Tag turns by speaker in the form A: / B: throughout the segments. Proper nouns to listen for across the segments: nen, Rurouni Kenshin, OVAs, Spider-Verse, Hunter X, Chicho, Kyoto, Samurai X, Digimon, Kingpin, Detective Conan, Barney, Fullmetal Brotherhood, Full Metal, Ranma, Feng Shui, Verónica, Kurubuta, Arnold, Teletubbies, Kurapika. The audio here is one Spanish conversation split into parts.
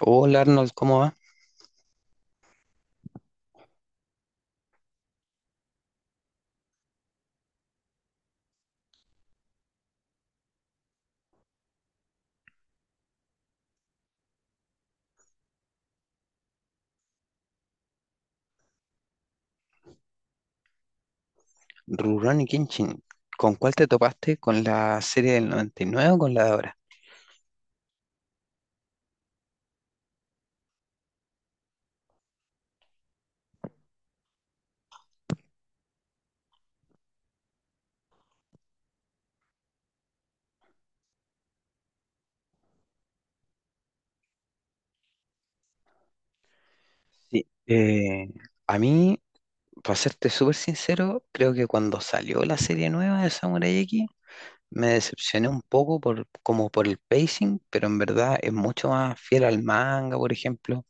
A: Hola Arnold, ¿cómo va? Rurouni Kenshin, ¿con cuál te topaste? ¿Con la serie del 99 o con la de ahora? Sí. A mí, para serte súper sincero, creo que cuando salió la serie nueva de Samurai X, me decepcioné un poco por, como por el pacing, pero en verdad es mucho más fiel al manga, por ejemplo.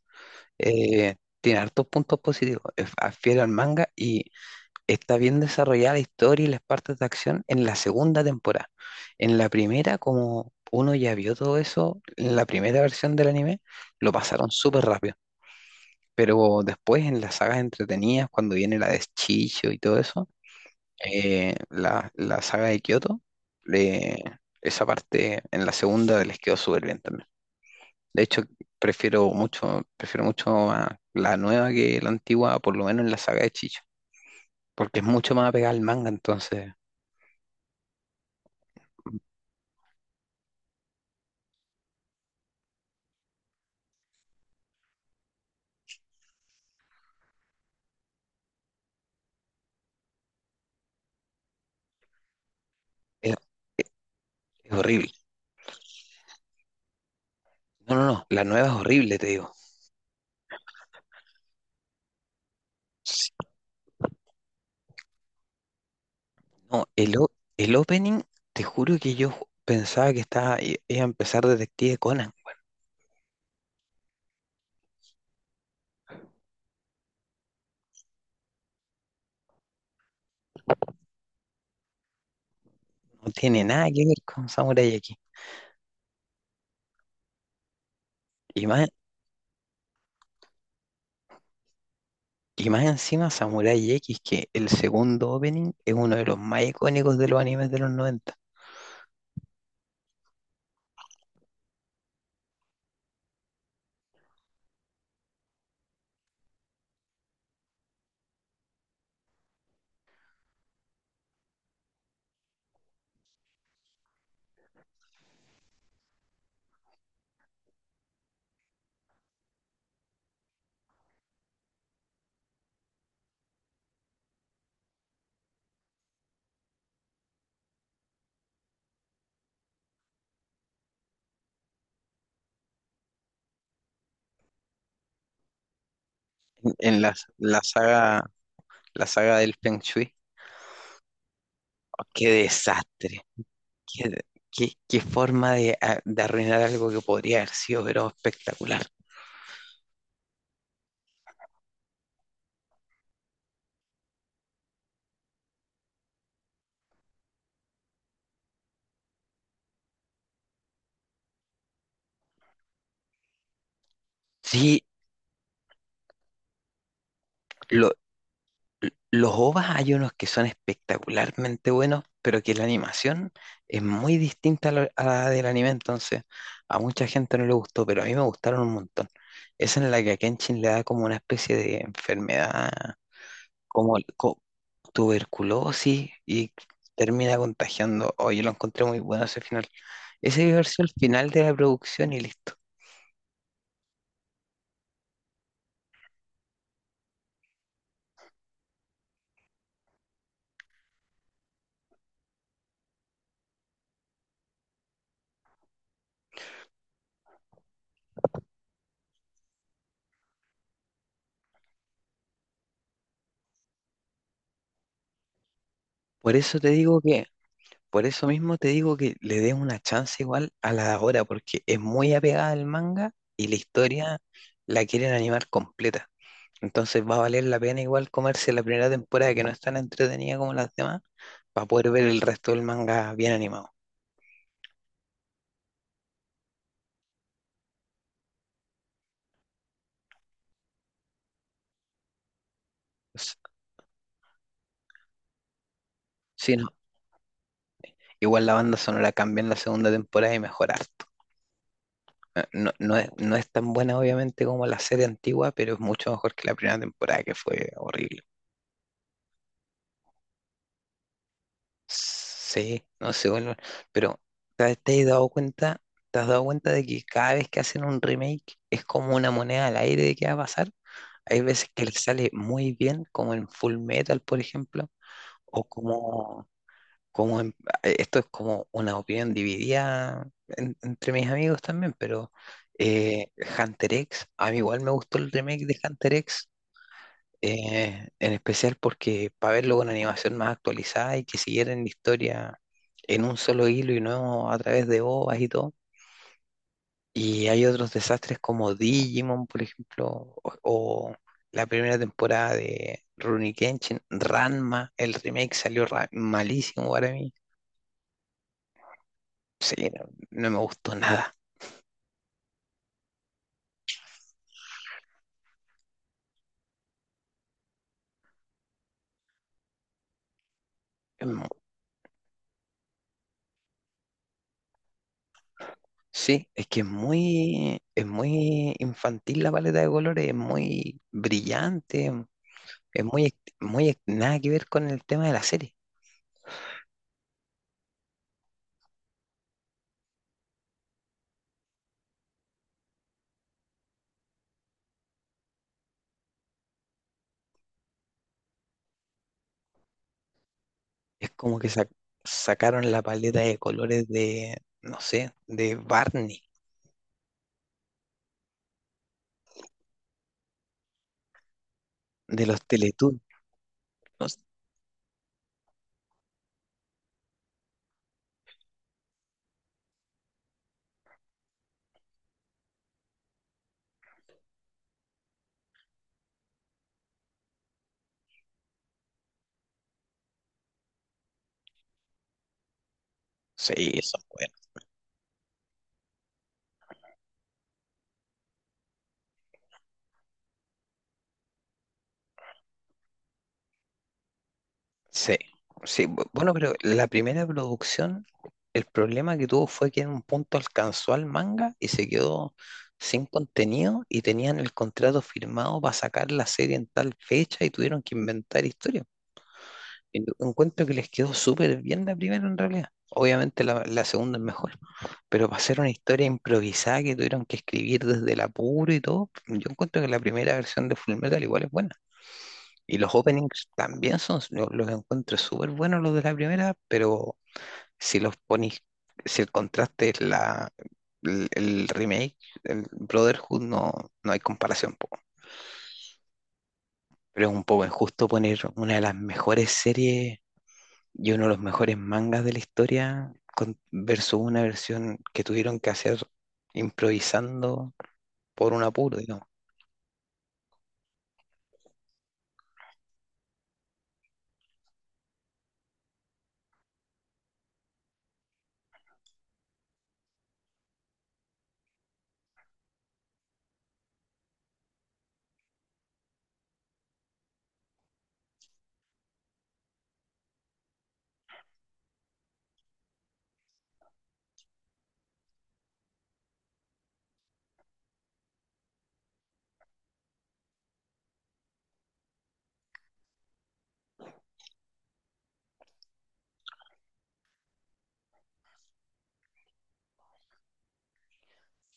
A: Tiene hartos puntos positivos, es fiel al manga y está bien desarrollada la historia y las partes de acción en la segunda temporada. En la primera, como uno ya vio todo eso, en la primera versión del anime, lo pasaron súper rápido. Pero después, en las sagas entretenidas, cuando viene la de Chicho y todo eso, la saga de Kyoto, le- esa parte en la segunda les quedó súper bien también. De hecho, prefiero mucho a la nueva que la antigua, por lo menos en la saga de Chicho, porque es mucho más apegada al manga, entonces. eh, Es horrible. No, no, no. La nueva es horrible, te digo. No, el, o- El opening, te juro que yo pensaba que estaba, iba a empezar Detective Conan. No tiene nada que ver con Samurai X. Y más, y más encima, Samurai X, que el segundo opening es uno de los más icónicos de los animes de los noventa. En la, la saga del Feng Shui. Oh, qué desastre. Qué, qué forma de, de arruinar algo que podría haber sido, pero espectacular. Sí, lo, Los OVAs, hay unos que son espectacularmente buenos, pero que la animación es muy distinta a a la del anime, entonces a mucha gente no le gustó, pero a mí me gustaron un montón. Esa en la que a Kenshin le da como una especie de enfermedad, como el- co- tuberculosis, y termina contagiando. Oye, lo encontré muy bueno ese final. Ese debió haber sido el final de la producción y listo. Por eso te digo que Por eso mismo te digo que le des una chance igual a la de ahora, porque es muy apegada al manga y la historia la quieren animar completa. Entonces va a valer la pena igual comerse la primera temporada, que no es tan entretenida como las demás, para poder ver el resto del manga bien animado. S- Sí, no. Igual la banda sonora cambia en la segunda temporada y mejora harto. No es tan buena obviamente como la serie antigua, pero es mucho mejor que la primera temporada, que fue horrible. Sí, no sé, bueno, pero te has dado cuenta? ¿Te has dado cuenta de que cada vez que hacen un remake es como una moneda al aire de qué va a pasar? Hay veces que les sale muy bien, como en Full Metal, por ejemplo, o como, como en- esto es como una opinión dividida entre mis amigos también, pero eh, Hunter X, a mí igual me gustó el remake de Hunter X, en especial porque para verlo con animación más actualizada y que siguieran la historia en un solo hilo y no a través de OVAs y todo. Y hay otros desastres como Digimon, por ejemplo, o la primera temporada de Rurouni Kenshin, Ranma, el remake salió malísimo para mí. Sí, no, no me gustó nada. Es mu- Sí, es que es muy infantil la paleta de colores, es muy brillante. Es muy, muy, nada que ver con el tema de la serie. Es como que sac- Sacaron la paleta de colores de, no sé, de Barney, de los Teletubbies. No sé. Sí, son buenos. Sí, sí, bueno, pero la primera producción, el problema que tuvo fue que en un punto alcanzó al manga y se quedó sin contenido, y tenían el contrato firmado para sacar la serie en tal fecha y tuvieron que inventar historias. Y yo encuentro que les quedó súper bien la primera en realidad. Obviamente la segunda es mejor, pero para hacer una historia improvisada que tuvieron que escribir desde el apuro y todo, yo encuentro que la primera versión de Fullmetal igual es buena. Y los openings también son, yo los encuentro súper buenos los de la primera, pero si los pones, si el contraste es el remake, el Brotherhood, no, no hay comparación. Po. Pero es un poco injusto poner una de las mejores series y uno de los mejores mangas de la historia versus una versión que tuvieron que hacer improvisando por un apuro, digamos.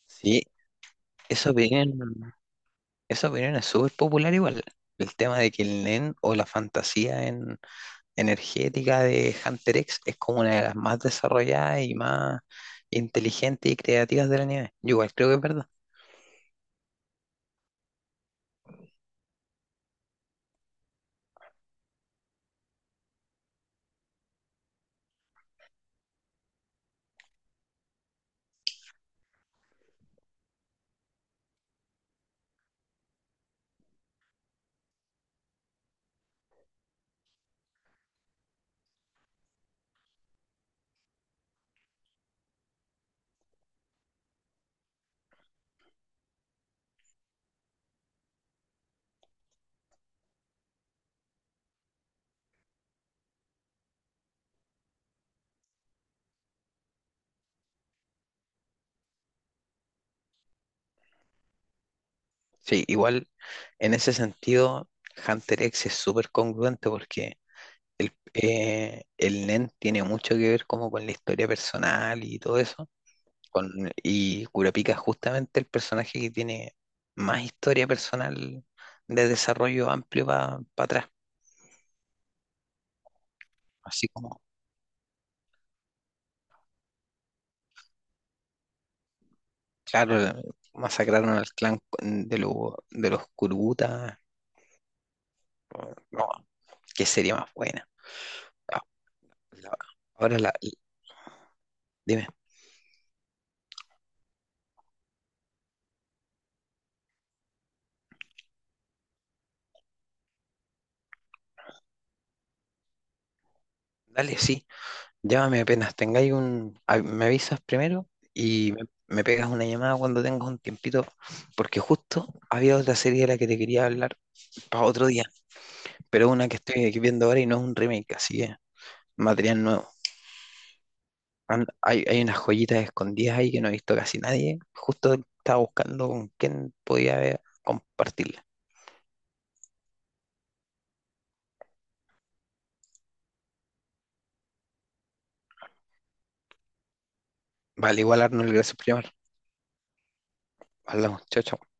A: Sí, esa opinión, esa opinión es súper popular igual. El tema de que el nen o la fantasía energética de Hunter X es como una de las más desarrolladas y más inteligentes y creativas del anime. Yo igual creo que es verdad. Sí, igual en ese sentido Hunter X es súper congruente porque el Nen tiene mucho que ver como con la historia personal y todo eso. Con, y Kurapika es justamente el personaje que tiene más historia personal, de desarrollo amplio para atrás. Así como, claro, masacraron al clan de los Kurubuta. No, qué serie más buena. Ah, la- ahora dime, dale, sí. Llámame apenas tengáis un... Me avisas primero y me pegas una llamada cuando tengas un tiempito, porque justo había otra serie de la que te quería hablar para otro día, pero una que estoy aquí viendo ahora y no es un remake, así que material nuevo. Hay unas joyitas escondidas ahí que no ha visto casi nadie. Justo estaba buscando con quién podía compartirla. Vale, igual Arnold, gracias por llamar. Hablamos, chao, chao.